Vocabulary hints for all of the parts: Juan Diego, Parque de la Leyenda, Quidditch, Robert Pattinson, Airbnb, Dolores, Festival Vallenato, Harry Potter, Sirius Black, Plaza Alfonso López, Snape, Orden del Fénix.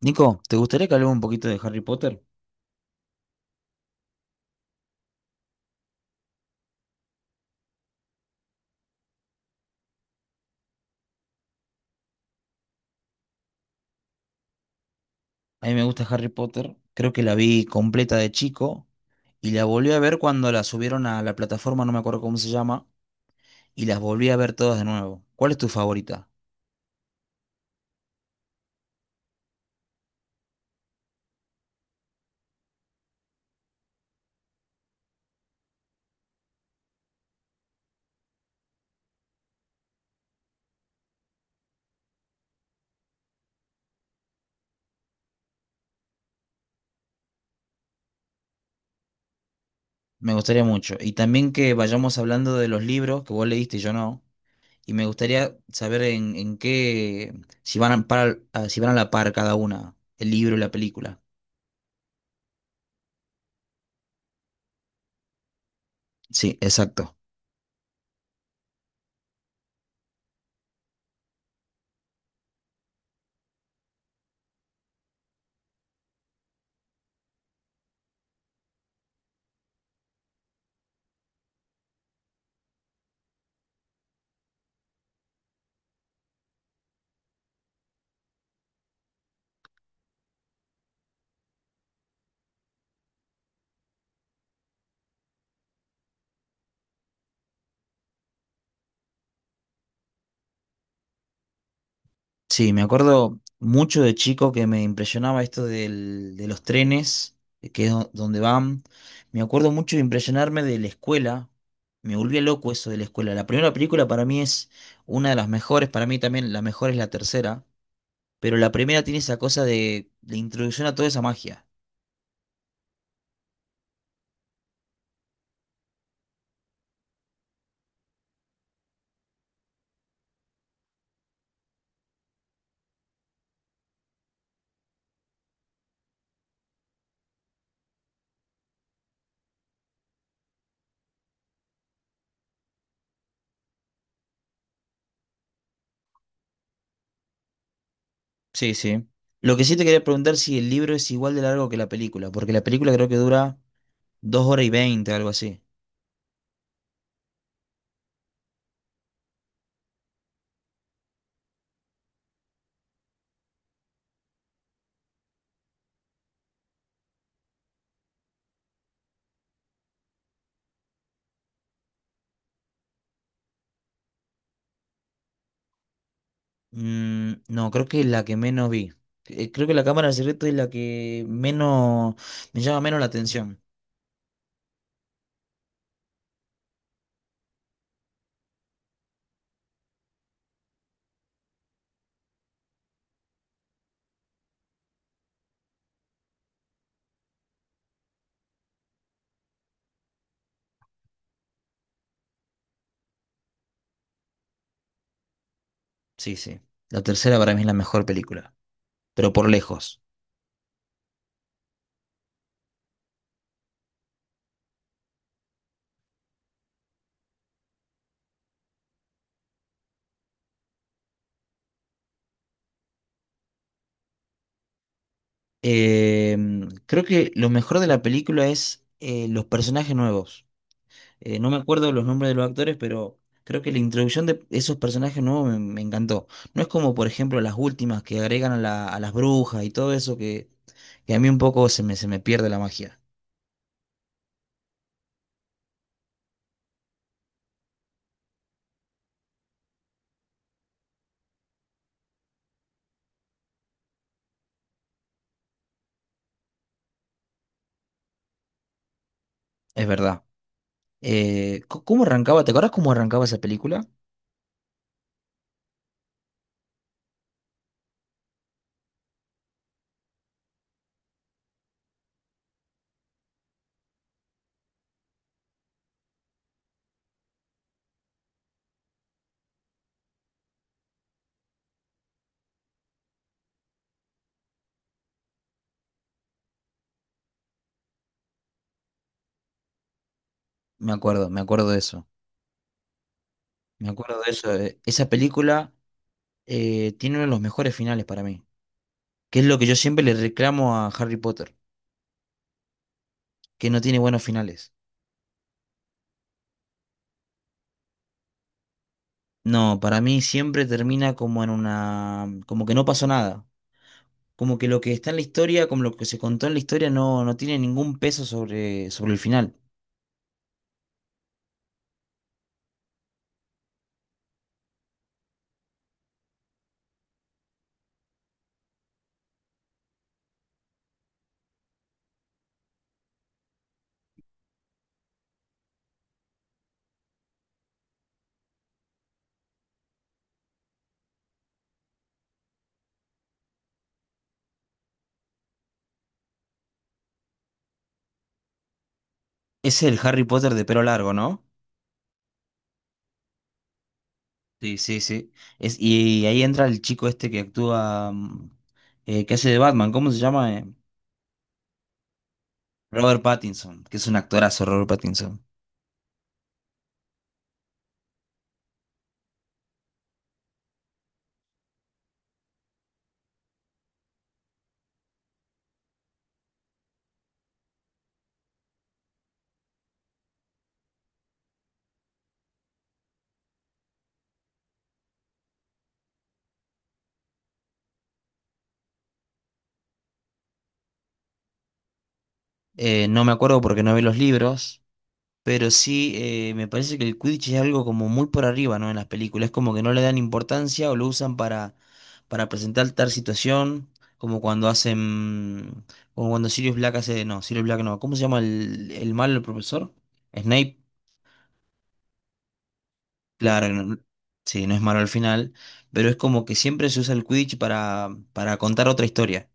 Nico, ¿te gustaría que hablemos un poquito de Harry Potter? A mí me gusta Harry Potter, creo que la vi completa de chico y la volví a ver cuando la subieron a la plataforma, no me acuerdo cómo se llama, y las volví a ver todas de nuevo. ¿Cuál es tu favorita? Me gustaría mucho. Y también que vayamos hablando de los libros que vos leíste y yo no. Y me gustaría saber en qué, si van a, si van a la par cada una, el libro y la película. Sí, exacto. Sí, me acuerdo mucho de chico que me impresionaba esto de los trenes, de que es donde van. Me acuerdo mucho de impresionarme de la escuela. Me volvía loco eso de la escuela. La primera película para mí es una de las mejores, para mí también la mejor es la tercera, pero la primera tiene esa cosa de la introducción a toda esa magia. Sí, sí. Lo que sí te quería preguntar si el libro es igual de largo que la película, porque la película creo que dura 2 horas y 20, algo así. Mm, no, creo que la que menos vi. Creo que la cámara de secreto es la que menos me llama menos la atención. Sí, sí. La tercera para mí es la mejor película, pero por lejos. Eh, creo que lo mejor de la película es los personajes nuevos. No me acuerdo los nombres de los actores, pero creo que la introducción de esos personajes nuevos me encantó. No es como, por ejemplo, las últimas que agregan a, a las brujas y todo eso que a mí un poco se me pierde la magia. Es verdad. ¿Cómo arrancaba? ¿Te acuerdas cómo arrancaba esa película? Me acuerdo de eso. Me acuerdo de eso. Esa película tiene uno de los mejores finales para mí. Que es lo que yo siempre le reclamo a Harry Potter, que no tiene buenos finales. No, para mí siempre termina como en una, como que no pasó nada. Como que lo que está en la historia, como lo que se contó en la historia, no, no tiene ningún peso sobre, sobre el final. Es el Harry Potter de pelo largo, ¿no? Sí, sí, sí. Es, y ahí entra el chico este que actúa, que hace de Batman, ¿cómo se llama? Robert Pattinson, que es un actorazo, Robert Pattinson. No me acuerdo porque no vi los libros, pero sí me parece que el Quidditch es algo como muy por arriba, ¿no? En las películas, como que no le dan importancia o lo usan para presentar tal situación, como cuando hacen, como cuando Sirius Black hace, no, Sirius Black no, ¿cómo se llama el malo, el profesor? Snape. Claro, sí, no es malo al final, pero es como que siempre se usa el Quidditch para contar otra historia.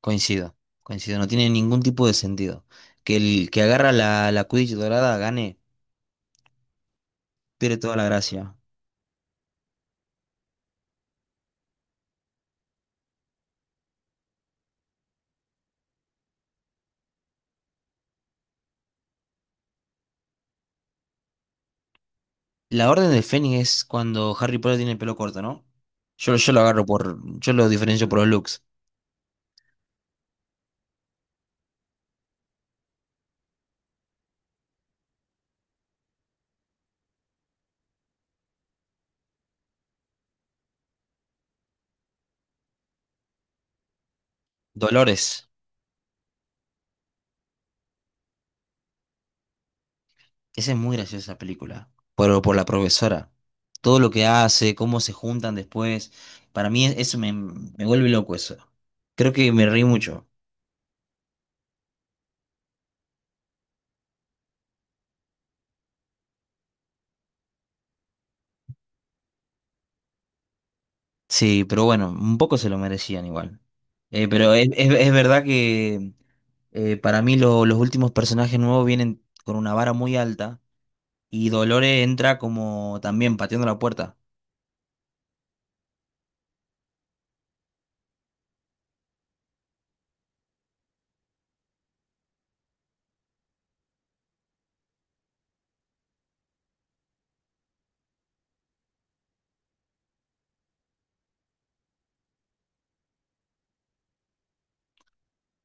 Coincido, coincido, no tiene ningún tipo de sentido. Que el que agarra la Quidditch dorada gane, pierde toda la gracia. La Orden del Fénix es cuando Harry Potter tiene el pelo corto, ¿no? Yo lo agarro por, yo lo diferencio por los looks. Dolores. Esa es muy graciosa esa película, por la profesora. Todo lo que hace, cómo se juntan después. Eso me vuelve loco eso. Creo que me reí mucho. Sí, pero bueno, un poco se lo merecían igual. Pero es, es verdad que para mí los últimos personajes nuevos vienen con una vara muy alta y Dolores entra como también pateando la puerta.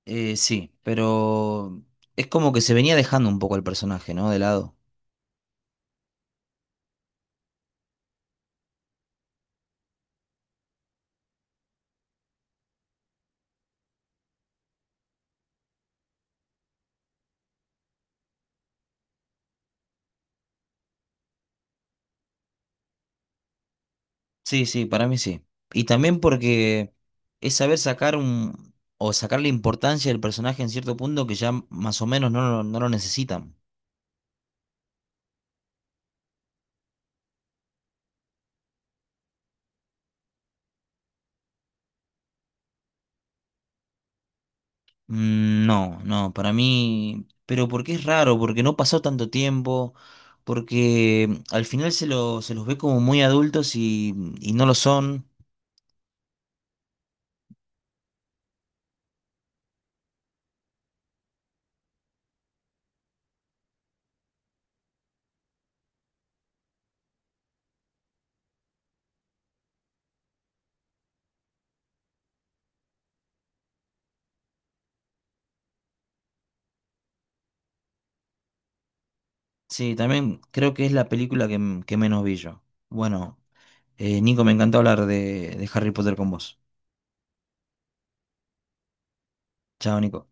Sí, pero es como que se venía dejando un poco el personaje, ¿no? De lado. Sí, sí, para mí sí. Y también porque es saber sacar un, o sacar la importancia del personaje en cierto punto que ya más o menos no, no lo necesitan. Mm, no, no, para mí, pero porque es raro, porque no pasó tanto tiempo, porque al final se los ve como muy adultos y no lo son. Sí, también creo que es la película que, que menos vi yo. Bueno, Nico, me encantó hablar de Harry Potter con vos. Chao, Nico.